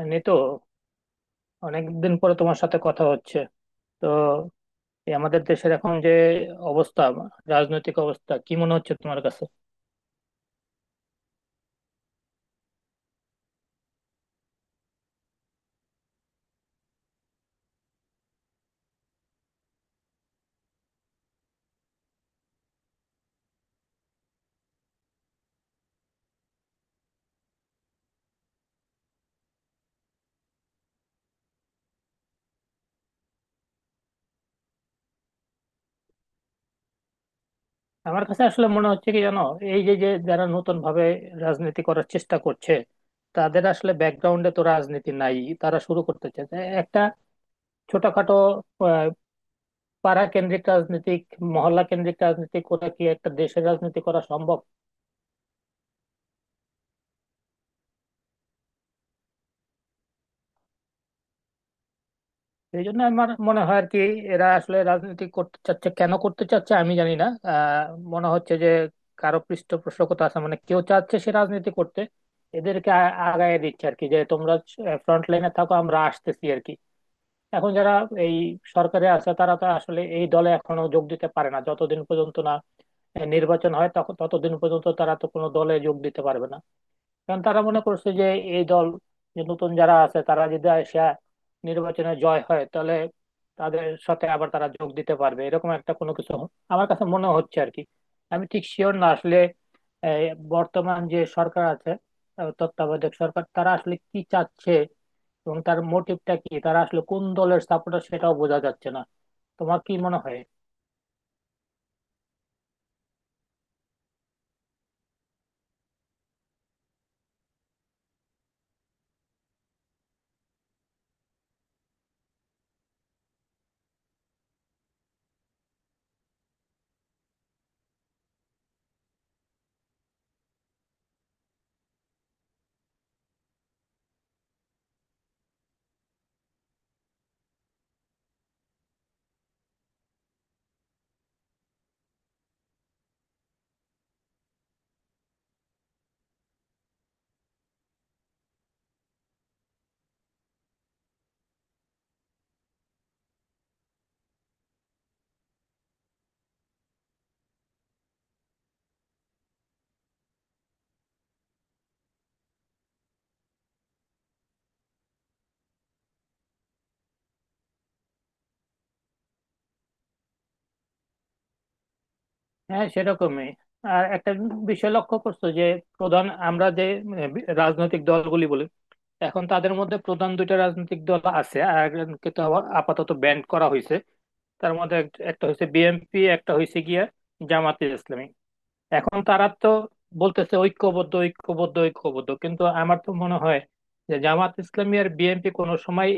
এমনি তো অনেকদিন পরে তোমার সাথে কথা হচ্ছে। তো এই আমাদের দেশের এখন যে অবস্থা, রাজনৈতিক অবস্থা কি মনে হচ্ছে তোমার কাছে? আমার কাছে আসলে মনে হচ্ছে কি জানো, এই যে যে যারা নতুন ভাবে রাজনীতি করার চেষ্টা করছে, তাদের আসলে ব্যাকগ্রাউন্ডে তো রাজনীতি নাই। তারা শুরু করতে চাইছে একটা ছোটখাটো আহ, পাড়া কেন্দ্রিক রাজনীতিক, মহল্লা কেন্দ্রিক রাজনীতি করে কি একটা দেশের রাজনীতি করা সম্ভব? এই জন্য আমার মনে হয় আর কি, এরা আসলে রাজনীতি করতে চাচ্ছে, কেন করতে চাচ্ছে আমি জানি না। মনে হচ্ছে যে কারো পৃষ্ঠপোষকতা আছে, মানে কেউ চাচ্ছে সে রাজনীতি করতে, এদেরকে আগায় দিচ্ছে আর কি, যে তোমরা ফ্রন্ট লাইনে থাকো আমরা আসতেছি আর কি। এখন যারা এই সরকারে আছে, তারা তো আসলে এই দলে এখনো যোগ দিতে পারে না, যতদিন পর্যন্ত না নির্বাচন হয়, তখন ততদিন পর্যন্ত তারা তো কোনো দলে যোগ দিতে পারবে না। কারণ তারা মনে করছে যে এই দল, যে নতুন যারা আছে তারা যদি আসে, নির্বাচনে জয় হয়, তাহলে তাদের সাথে আবার তারা যোগ দিতে পারবে, এরকম একটা কোনো কিছু আমার কাছে মনে হচ্ছে আর কি। আমি ঠিক শিওর না আসলে এই বর্তমান যে সরকার আছে, তত্ত্বাবধায়ক সরকার, তারা আসলে কি চাচ্ছে, এবং তার মোটিভটা কি, তারা আসলে কোন দলের সাপোর্টার সেটাও বোঝা যাচ্ছে না। তোমার কি মনে হয়? হ্যাঁ সেরকমই। আর একটা বিষয় লক্ষ্য করছো যে প্রধান, আমরা যে রাজনৈতিক দলগুলি বলি, এখন তাদের মধ্যে প্রধান দুইটা রাজনৈতিক দল আছে, আর একজনকে তো আবার আপাতত ব্যান্ড করা হয়েছে। তার মধ্যে একটা হয়েছে বিএনপি, একটা হয়েছে গিয়া জামাতে ইসলামী। এখন তারা তো বলতেছে ঐক্যবদ্ধ ঐক্যবদ্ধ ঐক্যবদ্ধ, কিন্তু আমার তো মনে হয় যে জামাত ইসলামী আর বিএনপি কোনো সময়,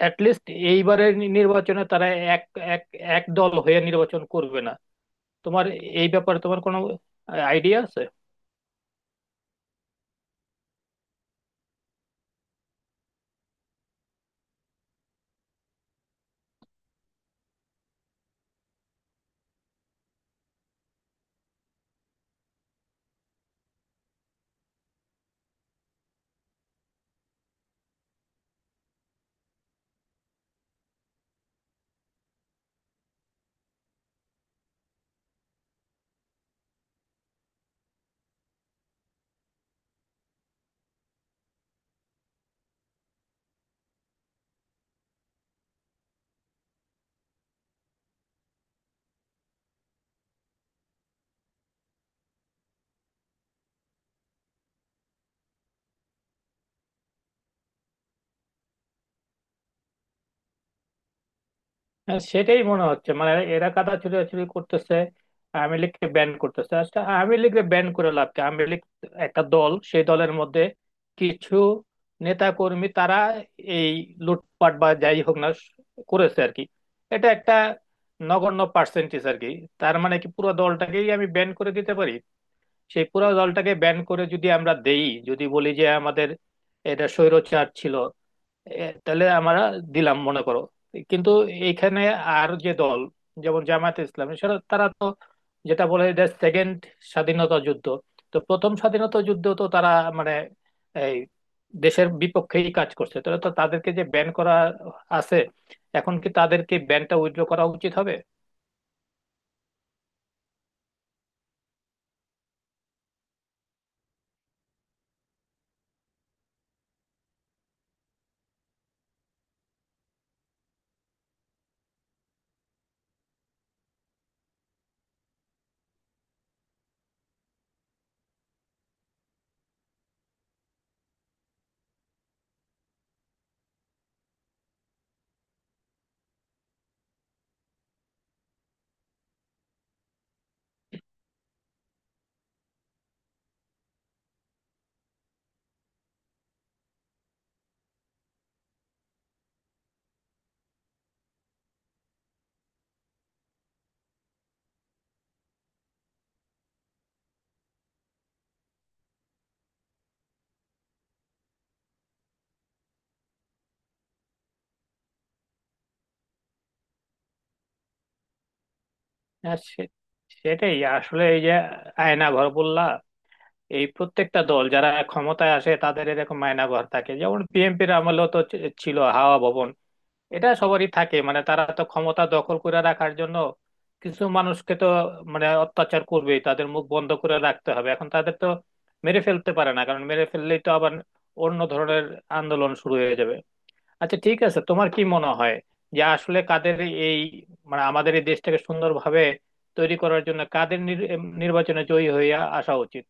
অ্যাটলিস্ট এইবারের নির্বাচনে তারা এক এক এক দল হয়ে নির্বাচন করবে না। তোমার এই ব্যাপারে তোমার কোনো আইডিয়া আছে? হ্যাঁ, সেটাই মনে হচ্ছে। মানে এরা কাদা ছুটাছুটি করতেছে, আওয়ামী লীগকে ব্যান করতেছে। আচ্ছা আওয়ামী লীগকে ব্যান করে লাভ কি? আওয়ামী লীগ একটা দল, সেই দলের মধ্যে কিছু নেতা কর্মী তারা এই লুটপাট বা যাই হোক না করেছে আর কি। এটা একটা নগণ্য পার্সেন্টেজ আর কি। তার মানে কি পুরো দলটাকেই আমি ব্যান করে দিতে পারি? সেই পুরো দলটাকে ব্যান করে যদি আমরা দেই, যদি বলি যে আমাদের এটা স্বৈরচার ছিল, এ, তাহলে আমরা দিলাম মনে করো। কিন্তু এইখানে আর যে দল, যেমন জামায়াতে ইসলামী, সেটা তারা তো যেটা বলে এটা সেকেন্ড স্বাধীনতা যুদ্ধ, তো প্রথম স্বাধীনতা যুদ্ধ তো তারা মানে এই দেশের বিপক্ষেই কাজ করছে, তাহলে তো তাদেরকে যে ব্যান করা আছে, এখন কি তাদেরকে ব্যানটা উইথড্র করা উচিত হবে? হ্যাঁ সে- সেটাই আসলে। এই যে আয়নাঘর বললা, এই প্রত্যেকটা দল যারা ক্ষমতায় আসে তাদের এরকম আয়নাঘর থাকে। যেমন বিএনপির আমলেও তো ছিল হাওয়া ভবন। এটা সবারই থাকে, মানে তারা তো ক্ষমতা দখল করে রাখার জন্য কিছু মানুষকে তো মানে অত্যাচার করবেই, তাদের মুখ বন্ধ করে রাখতে হবে। এখন তাদের তো মেরে ফেলতে পারে না, কারণ মেরে ফেললেই তো আবার অন্য ধরনের আন্দোলন শুরু হয়ে যাবে। আচ্ছা ঠিক আছে, তোমার কি মনে হয় যে আসলে কাদের এই, মানে আমাদের এই দেশটাকে সুন্দরভাবে তৈরি করার জন্য কাদের নির্বাচনে জয়ী হয়ে আসা উচিত?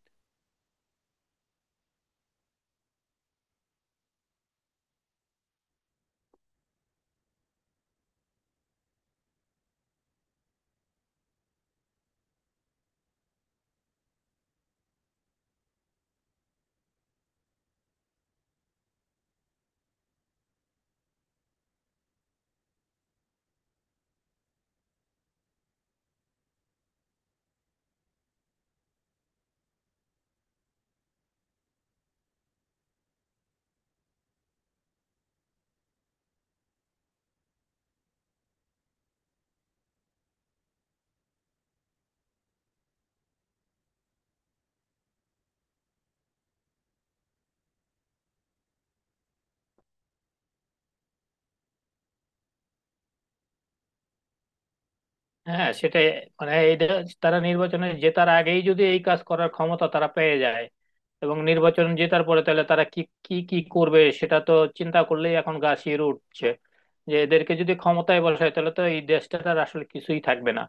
হ্যাঁ সেটাই, মানে এইটা তারা নির্বাচনে জেতার আগেই যদি এই কাজ করার ক্ষমতা তারা পেয়ে যায়, এবং নির্বাচন জেতার পরে তাহলে তারা কি কি কি করবে, সেটা তো চিন্তা করলেই এখন গা শিউরে উঠছে। যে এদেরকে যদি ক্ষমতায় বসায়, তাহলে তো এই দেশটা আর আসলে কিছুই থাকবে না।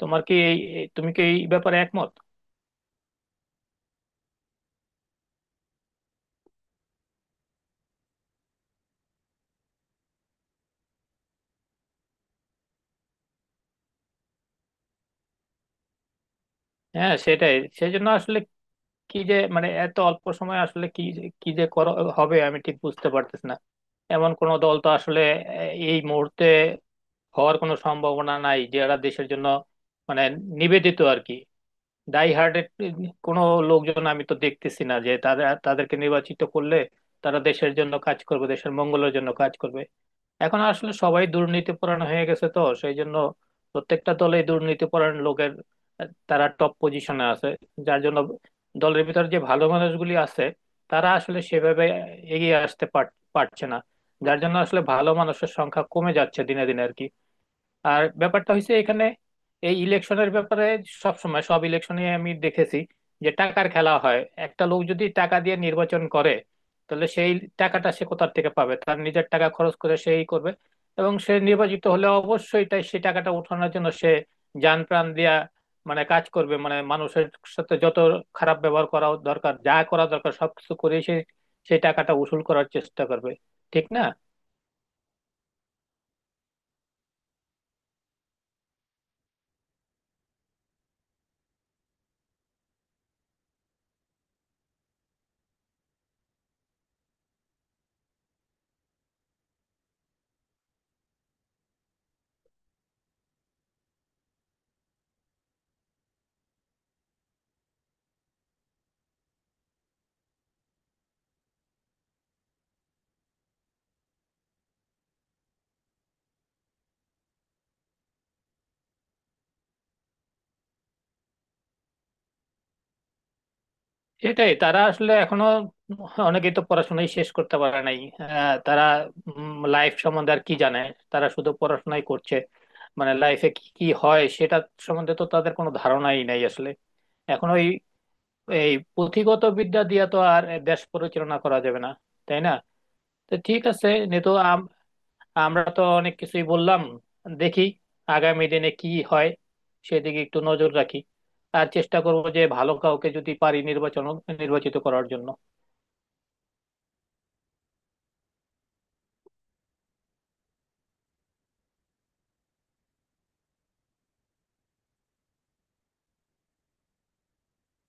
তোমার কি এই এই- তুমি কি এই ব্যাপারে একমত? হ্যাঁ সেটাই। সেই জন্য আসলে কি যে মানে, এত অল্প সময় আসলে কি যে করা হবে আমি ঠিক বুঝতে পারতেছি না। এমন কোন দল তো আসলে এই মুহূর্তে হওয়ার কোনো সম্ভাবনা নাই, যারা দেশের জন্য মানে নিবেদিত আর কি, ডাই হার্টেড কোনো লোকজন আমি তো দেখতেছি না, যে তারা, তাদেরকে নির্বাচিত করলে তারা দেশের জন্য কাজ করবে, দেশের মঙ্গলের জন্য কাজ করবে। এখন আসলে সবাই দুর্নীতি পরায়ণ হয়ে গেছে, তো সেই জন্য প্রত্যেকটা দলে দুর্নীতি পরায়ণ লোকের, তারা টপ পজিশনে আছে। যার জন্য দলের ভিতর যে ভালো মানুষগুলি আছে, তারা আসলে সেভাবে এগিয়ে আসতে পারছে না। যার জন্য আসলে ভালো মানুষের সংখ্যা কমে যাচ্ছে দিনে দিনে আর কি। আর ব্যাপারটা হয়েছে এখানে এই ইলেকশনের ব্যাপারে, সব সময় সব ইলেকশনে আমি দেখেছি যে টাকার খেলা হয়। একটা লোক যদি টাকা দিয়ে নির্বাচন করে, তাহলে সেই টাকাটা সে কোথা থেকে পাবে? তার নিজের টাকা খরচ করে সেই করবে, এবং সে নির্বাচিত হলে অবশ্যই তাই সেই টাকাটা উঠানোর জন্য সে জান প্রাণ দিয়া মানে কাজ করবে, মানে মানুষের সাথে যত খারাপ ব্যবহার করা দরকার, যা করা দরকার সবকিছু করে সে সেই টাকাটা উসুল করার চেষ্টা করবে। ঠিক না? এটাই, তারা আসলে এখনো অনেকেই তো পড়াশোনাই শেষ করতে পারে নাই। তারা লাইফ সম্বন্ধে আর কি জানে, তারা শুধু পড়াশোনাই করছে। মানে লাইফে কি কি হয় সেটা সম্বন্ধে তো তাদের কোনো ধারণাই নাই আসলে। এখন ওই এই পুঁথিগত বিদ্যা দিয়ে তো আর দেশ পরিচালনা করা যাবে না, তাই না? তো ঠিক আছে নিতু, আমরা তো অনেক কিছুই বললাম। দেখি আগামী দিনে কি হয়, সেদিকে একটু নজর রাখি। আর চেষ্টা করবো যে ভালো কাউকে যদি পারি নির্বাচন, নির্বাচিত করার জন্য।